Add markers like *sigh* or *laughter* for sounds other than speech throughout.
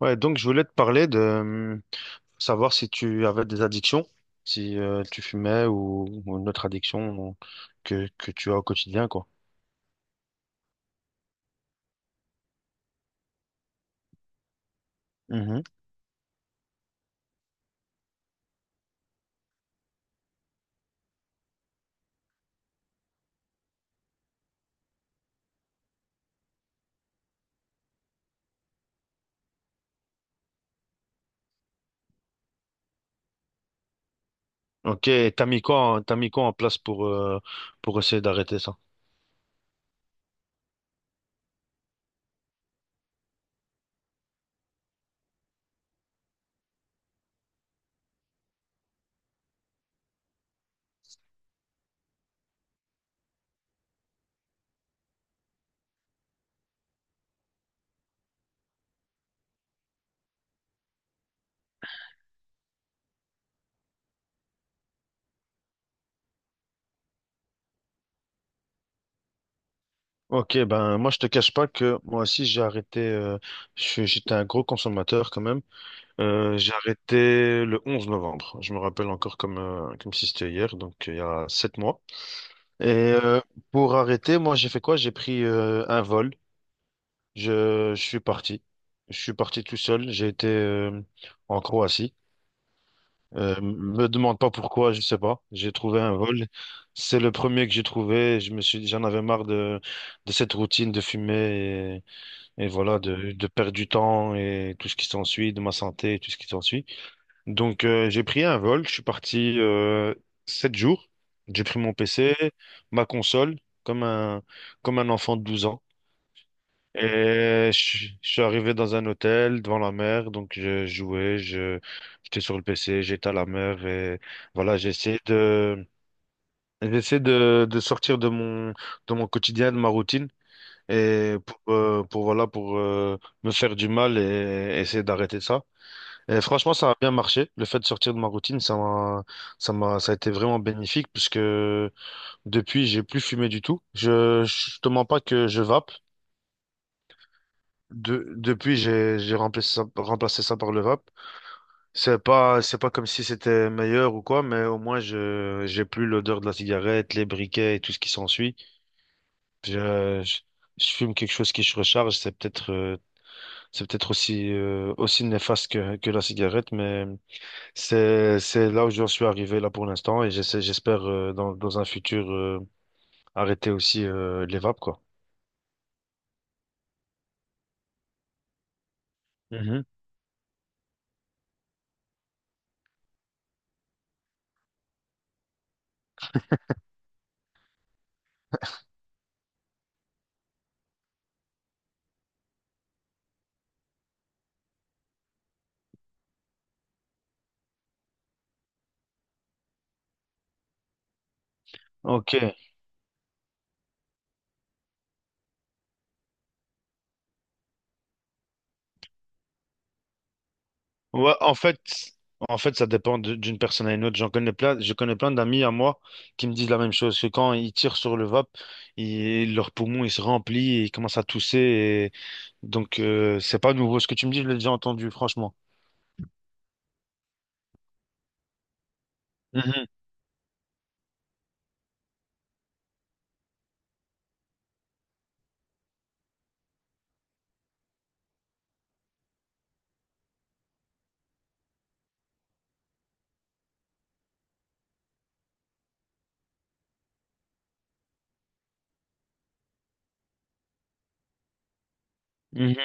Ouais, donc je voulais te parler de savoir si tu avais des addictions, si tu fumais ou une autre addiction que tu as au quotidien, quoi. Mhm. Ok, et t'as mis quoi, t'as mis quoi en place pour essayer d'arrêter ça? Ok, ben moi je te cache pas que moi aussi j'ai arrêté, j'étais un gros consommateur quand même. J'ai arrêté le 11 novembre, je me rappelle encore comme, comme si c'était hier, donc il y a 7 mois. Et pour arrêter, moi j'ai fait quoi? J'ai pris un vol. Je suis parti. Je suis parti tout seul. J'ai été en Croatie. Me demande pas pourquoi, je sais pas. J'ai trouvé un vol. C'est le premier que j'ai trouvé. Je me suis dit, j'en avais marre de cette routine de fumer et voilà, de perdre du temps et tout ce qui s'ensuit, de ma santé et tout ce qui s'ensuit. Donc, j'ai pris un vol. Je suis parti 7 jours. J'ai pris mon PC, ma console, comme un, comme un enfant de 12 ans. Et je suis arrivé dans un hôtel devant la mer, donc je jouais, j'étais sur le PC, j'étais à la mer et voilà, j'essaie de sortir de mon quotidien, de ma routine et pour voilà, pour me faire du mal essayer d'arrêter ça. Et franchement, ça a bien marché. Le fait de sortir de ma routine, ça a été vraiment bénéfique puisque depuis, j'ai plus fumé du tout. Je te mens pas que je vape. Depuis, j'ai remplacé ça par le rap. C'est pas comme si c'était meilleur ou quoi, mais au moins, je j'ai plus l'odeur de la cigarette, les briquets et tout ce qui s'ensuit. Je, je, je fume quelque chose qui se recharge. C'est peut-être aussi, aussi néfaste que la cigarette, mais c'est là où j'en suis arrivé là pour l'instant et j'essaie, j'espère, dans un futur, arrêter aussi, les vapes, quoi. Mhm. Ok. Ouais, en fait, ça dépend d'une personne à une autre. J'en connais plein, je connais plein d'amis à moi qui me disent la même chose, que quand ils tirent sur le vape, leur poumon il se remplit et ils commencent à tousser. Donc, c'est pas nouveau. Ce que tu me dis, je l'ai déjà entendu, franchement. Mhm, mhm,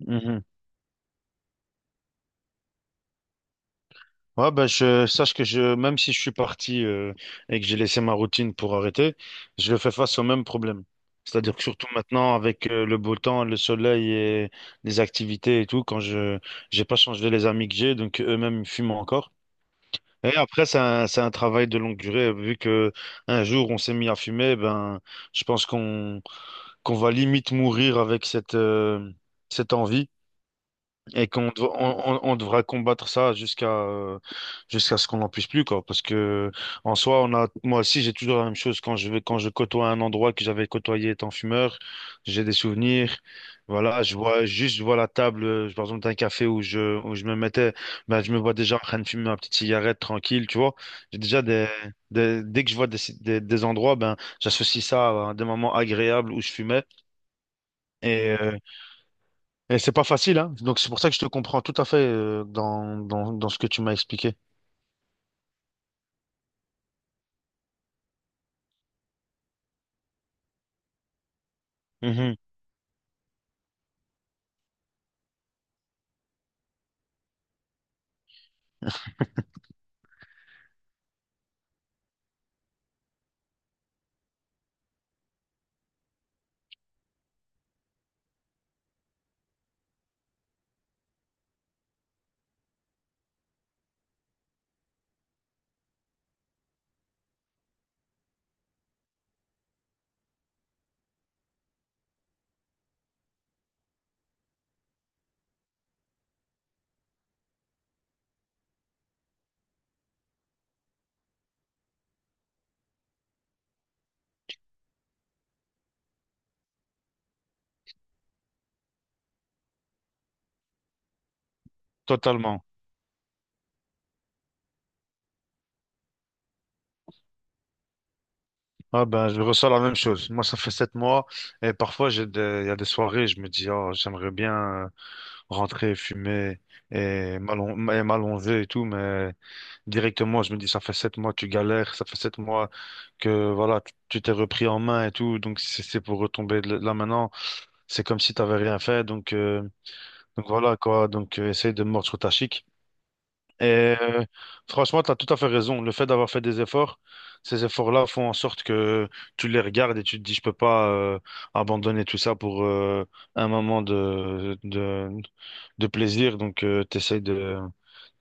mhm. Ouais, bah, je sache que même si je suis parti et que j'ai laissé ma routine pour arrêter, je fais face au même problème. C'est-à-dire que surtout maintenant, avec le beau temps, le soleil et les activités et tout, quand je j'ai pas changé les amis que j'ai, donc eux-mêmes ils fument encore. Et après, c'est un travail de longue durée. Vu que un jour on s'est mis à fumer, ben je pense qu'on va limite mourir avec cette envie. Et qu'on dev- on devra combattre ça jusqu'à ce qu'on n'en puisse plus, quoi. Parce que en soi, on a, moi aussi, j'ai toujours la même chose quand je côtoie un endroit que j'avais côtoyé étant fumeur, j'ai des souvenirs. Voilà, je vois juste, je vois la table, par exemple, d'un café où je me mettais, ben, je me vois déjà en train de fumer ma petite cigarette tranquille, tu vois. J'ai déjà des- Dès que je vois des endroits, ben, j'associe ça à des moments agréables où je fumais. Et euh, et c'est pas facile, hein. Donc c'est pour ça que je te comprends tout à fait dans ce que tu m'as expliqué. Mhm, totalement. Ah ben, je ressens la même chose. Moi, ça fait 7 mois et parfois il y a des soirées, je me dis, oh, j'aimerais bien euh, rentrer, fumer et m'allonger et tout, mais directement, je me dis, ça fait 7 mois, tu galères, ça fait 7 mois que voilà, tu t'es repris en main et tout, donc c'est pour retomber là maintenant, c'est comme si t'avais rien fait, donc voilà quoi, donc essaye de mordre sur ta chic. Et franchement, tu as tout à fait raison. Le fait d'avoir fait des efforts, ces efforts-là font en sorte que tu les regardes et tu te dis, je peux pas abandonner tout ça pour un moment de plaisir. Donc,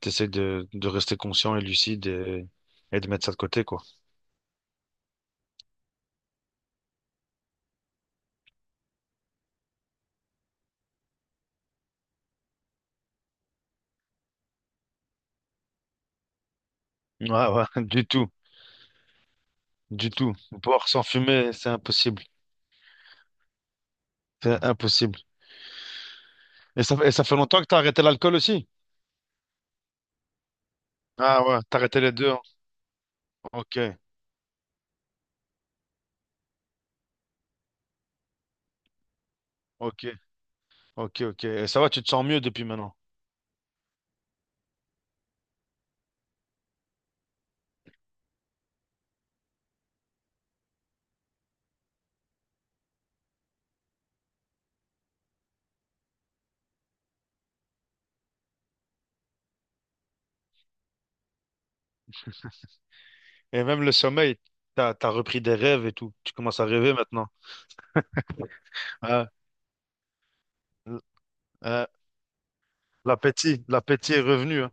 t'essaies de rester conscient et lucide et de mettre ça de côté, quoi. Ouais, ouais, *laughs* du tout, du tout. Boire sans fumer, c'est impossible. C'est impossible. Et ça fait longtemps que tu as arrêté l'alcool aussi? Ah ouais, t'arrêtais les deux, hein. Ok, ok, ok, ok. Et ça va, tu te sens mieux depuis maintenant. Et même le sommeil, t'as repris des rêves et tout. Tu commences à rêver maintenant. Ah, l- ah, l'appétit, est revenu, hein.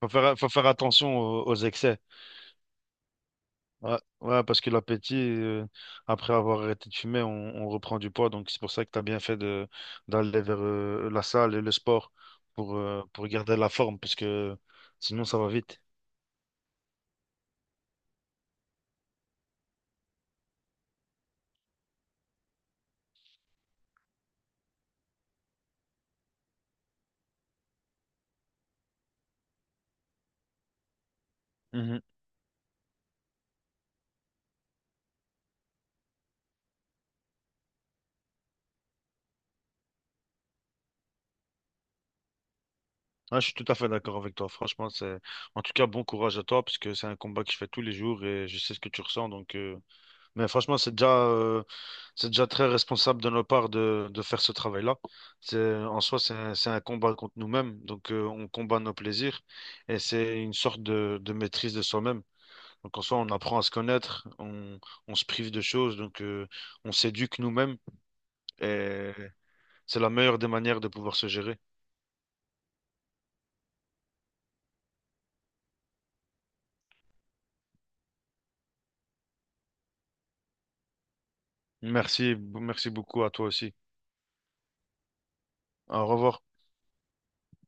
Faut faire attention aux excès. Ouais, ouais, parce que l'appétit, après avoir arrêté de fumer, on reprend du poids. Donc c'est pour ça que t'as bien fait d'aller vers la salle et le sport pour garder la forme, parce que sinon ça va vite. Mhm. Ah, je suis tout à fait d'accord avec toi. Franchement, c'est en tout cas bon courage à toi parce que c'est un combat que je fais tous les jours et je sais ce que tu ressens. Donc, mais franchement, c'est déjà très responsable de notre part de faire ce travail-là. C'est en soi, c'est un combat contre nous-mêmes. Donc, on combat nos plaisirs et c'est une sorte de maîtrise de soi-même. Donc, en soi, on apprend à se connaître, on se prive de choses, donc on s'éduque nous-mêmes et c'est la meilleure des manières de pouvoir se gérer. Merci, merci beaucoup à toi aussi. Au revoir.